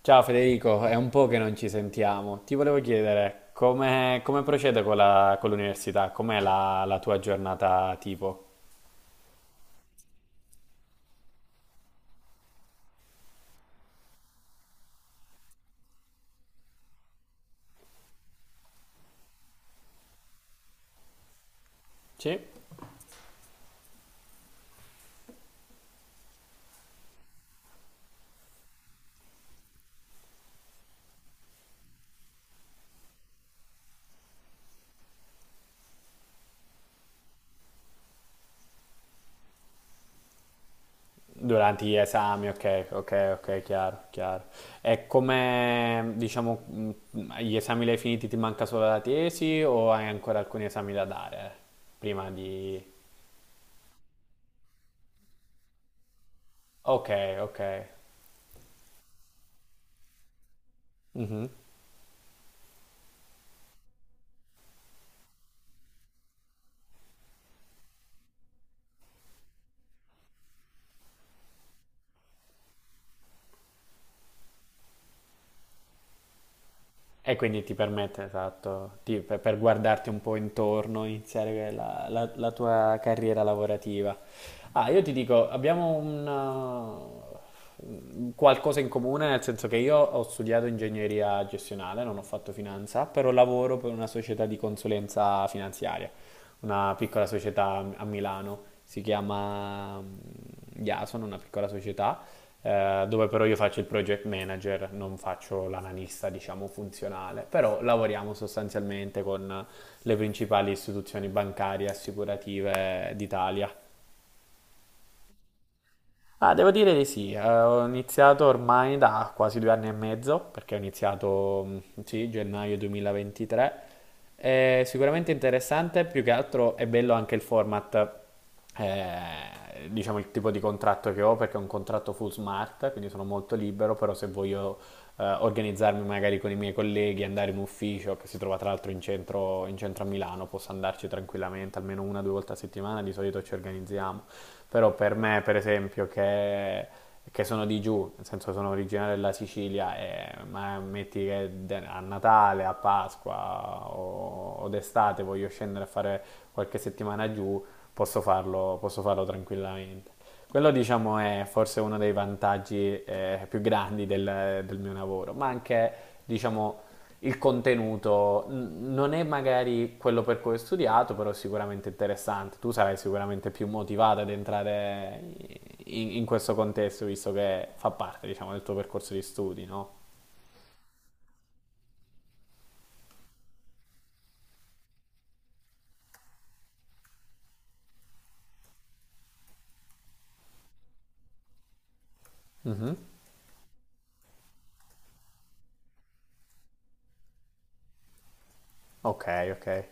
Ciao Federico, è un po' che non ci sentiamo. Ti volevo chiedere come procede con con l'università? Com'è la tua giornata tipo? Sì? Durante gli esami, ok, ok, ok, chiaro, chiaro. E come, diciamo, gli esami li hai finiti, ti manca solo la tesi o hai ancora alcuni esami da dare prima di... Ok, ok. Mhm. E quindi ti permette, esatto, per guardarti un po' intorno, iniziare la tua carriera lavorativa. Ah, io ti dico, abbiamo un qualcosa in comune, nel senso che io ho studiato ingegneria gestionale, non ho fatto finanza, però lavoro per una società di consulenza finanziaria, una piccola società a Milano si chiama Yason, una piccola società, dove però io faccio il project manager, non faccio l'analista, diciamo, funzionale, però lavoriamo sostanzialmente con le principali istituzioni bancarie e assicurative d'Italia. Ah, devo dire di sì, ho iniziato ormai da quasi 2 anni e mezzo, perché ho iniziato, sì, gennaio 2023. È sicuramente interessante, più che altro è bello anche il format, diciamo il tipo di contratto che ho, perché è un contratto full smart, quindi sono molto libero, però se voglio organizzarmi magari con i miei colleghi, andare in ufficio, che si trova tra l'altro in centro a Milano, possa andarci tranquillamente almeno una o 2 volte a settimana, di solito ci organizziamo. Però per me, per esempio, che sono di giù, nel senso sono originario della Sicilia, ma metti che a Natale, a Pasqua o d'estate voglio scendere a fare qualche settimana giù, posso farlo tranquillamente. Quello diciamo è forse uno dei vantaggi più grandi del mio lavoro, ma anche diciamo il contenuto non è magari quello per cui ho studiato, però è sicuramente interessante. Tu sarai sicuramente più motivata ad entrare in questo contesto, visto che fa parte, diciamo, del tuo percorso di studi, no? Mhm. Ok, ok.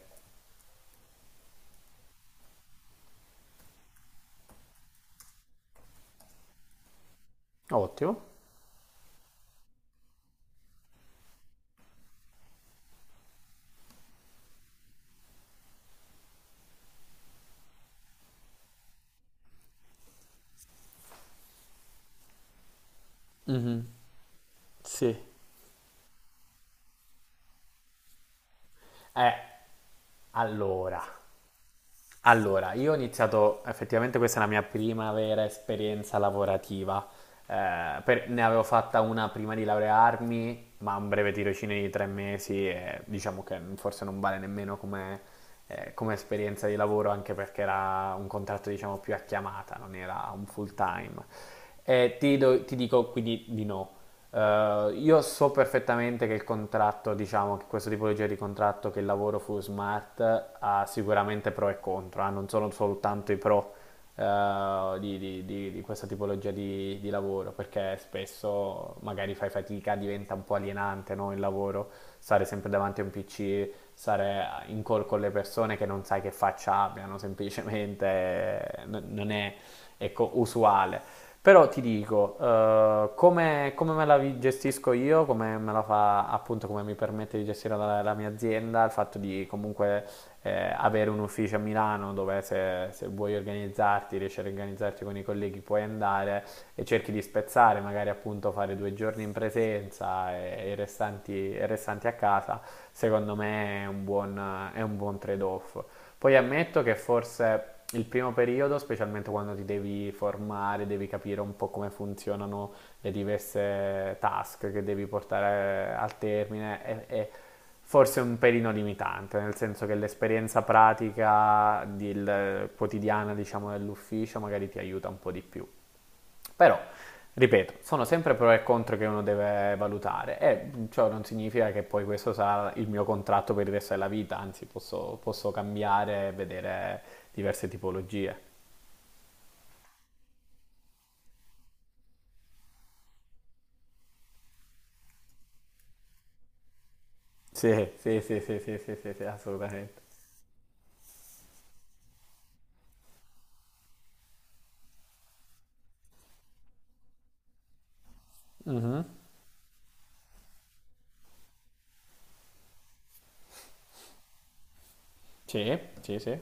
Ottimo. Mhm. Sì. Eh, allora. Allora, io ho iniziato, effettivamente questa è la mia prima vera esperienza lavorativa. Ne avevo fatta una prima di laurearmi, ma un breve tirocinio di 3 mesi e diciamo che forse non vale nemmeno come, come esperienza di lavoro, anche perché era un contratto diciamo più a chiamata, non era un full time. E ti dico quindi di no. Io so perfettamente che il contratto, diciamo, che questo tipologia di contratto che il lavoro full smart ha sicuramente pro e contro, non sono soltanto i pro di questa tipologia di lavoro, perché spesso magari fai fatica, diventa un po' alienante, no, il lavoro, stare sempre davanti a un PC, stare in call con le persone che non sai che faccia abbiano, semplicemente non è ecco, usuale. Però ti dico, come me la gestisco io, come me la fa appunto, come mi permette di gestire la mia azienda, il fatto di comunque avere un ufficio a Milano dove se vuoi organizzarti, riesci a organizzarti con i colleghi, puoi andare e cerchi di spezzare, magari appunto fare 2 giorni in presenza e i restanti a casa, secondo me è un buon trade-off. Poi ammetto che forse il primo periodo, specialmente quando ti devi formare, devi capire un po' come funzionano le diverse task che devi portare al termine, è forse un pelino limitante, nel senso che l'esperienza pratica quotidiana, diciamo, dell'ufficio magari ti aiuta un po' di più. Però, ripeto, sono sempre pro e contro che uno deve valutare e ciò non significa che poi questo sarà il mio contratto per il resto della vita, anzi posso cambiare e vedere diverse tipologie. Sì, sì, sì, sì, sì, sì, sì, sì, assolutamente. Mhm. Sì, sì, sì.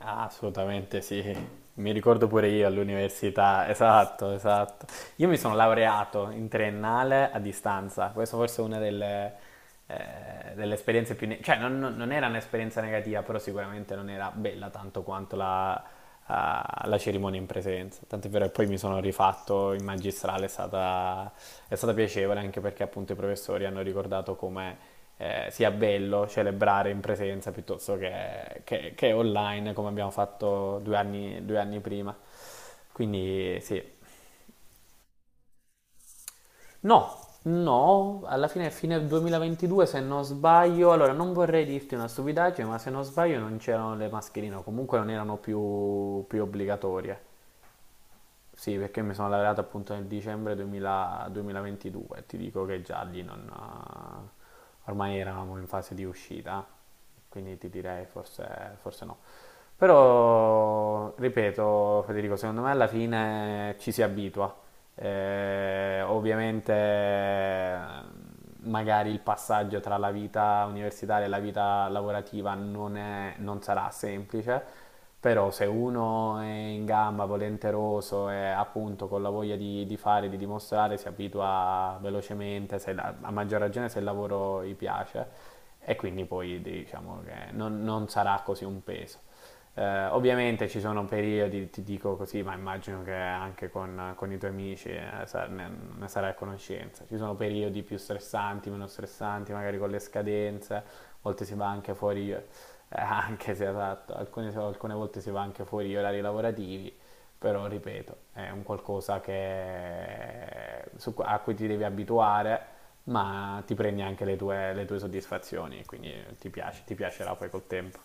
Ah, assolutamente sì, mi ricordo pure io all'università, esatto, esatto. Io mi sono laureato in triennale a distanza, questa forse è una delle esperienze più... cioè non era un'esperienza negativa, però sicuramente non era bella tanto quanto la alla cerimonia in presenza. Tant'è vero che poi mi sono rifatto in magistrale, è stata piacevole anche perché appunto i professori hanno ricordato come sia bello celebrare in presenza piuttosto che online come abbiamo fatto due anni prima. Quindi sì. No, no, alla fine 2022 se non sbaglio, allora non vorrei dirti una stupidaggine, ma se non sbaglio non c'erano le mascherine, o comunque non erano più obbligatorie. Sì, perché mi sono laureato appunto nel dicembre 2000 2022, ti dico che già lì non... ormai eravamo in fase di uscita, quindi ti direi forse no. Però, ripeto, Federico, secondo me alla fine ci si abitua. Ovviamente magari il passaggio tra la vita universitaria e la vita lavorativa non sarà semplice, però se uno è in gamba, volenteroso e appunto con la voglia di fare, di dimostrare, si abitua velocemente, se la- a maggior ragione se il lavoro gli piace e quindi poi diciamo che non sarà così un peso. Ovviamente ci sono periodi, ti dico così, ma immagino che anche con i tuoi amici ne sarai a conoscenza. Ci sono periodi più stressanti, meno stressanti, magari con le scadenze, a volte si va anche fuori, anche se esatto, alcune volte si va anche fuori gli orari lavorativi, però ripeto, è un qualcosa a cui ti devi abituare, ma ti prendi anche le tue soddisfazioni, quindi ti piacerà poi col tempo.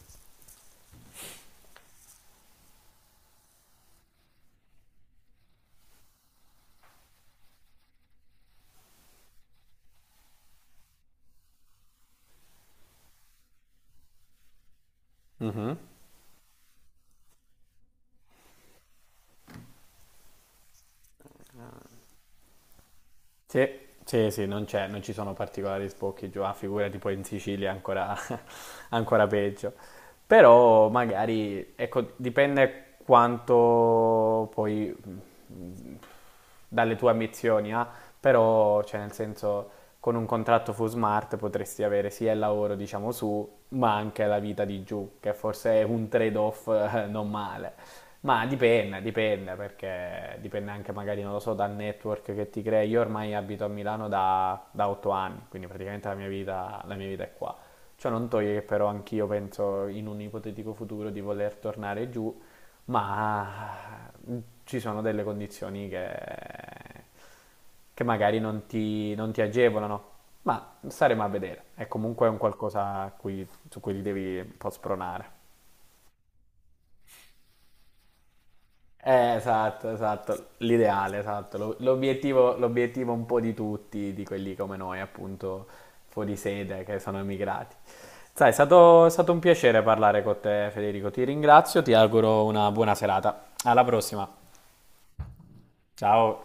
Mhm. Sì, sì, sì, non ci sono particolari sbocchi giù, ah, figurati poi in Sicilia è ancora, ancora peggio. Però magari, ecco, dipende quanto poi mh, dalle tue ambizioni, però, cioè, nel senso, con un contratto full smart potresti avere sia il lavoro, diciamo, su, ma anche la vita di giù, che forse è un trade-off non male. Ma dipende, perché dipende anche magari, non lo so, dal network che ti crei. Io ormai abito a Milano da 8 anni, quindi praticamente la mia vita è qua. Ciò non toglie che però anch'io penso in un ipotetico futuro di voler tornare giù, ma ci sono delle condizioni che magari non ti agevolano. Ma staremo a vedere. È comunque un qualcosa su cui ti devi un po' spronare. Esatto, esatto, l'ideale, esatto, l'obiettivo un po' di tutti, di quelli come noi, appunto, fuori sede, che sono emigrati. Sai, è stato un piacere parlare con te, Federico, ti ringrazio, ti auguro una buona serata. Alla prossima, ciao!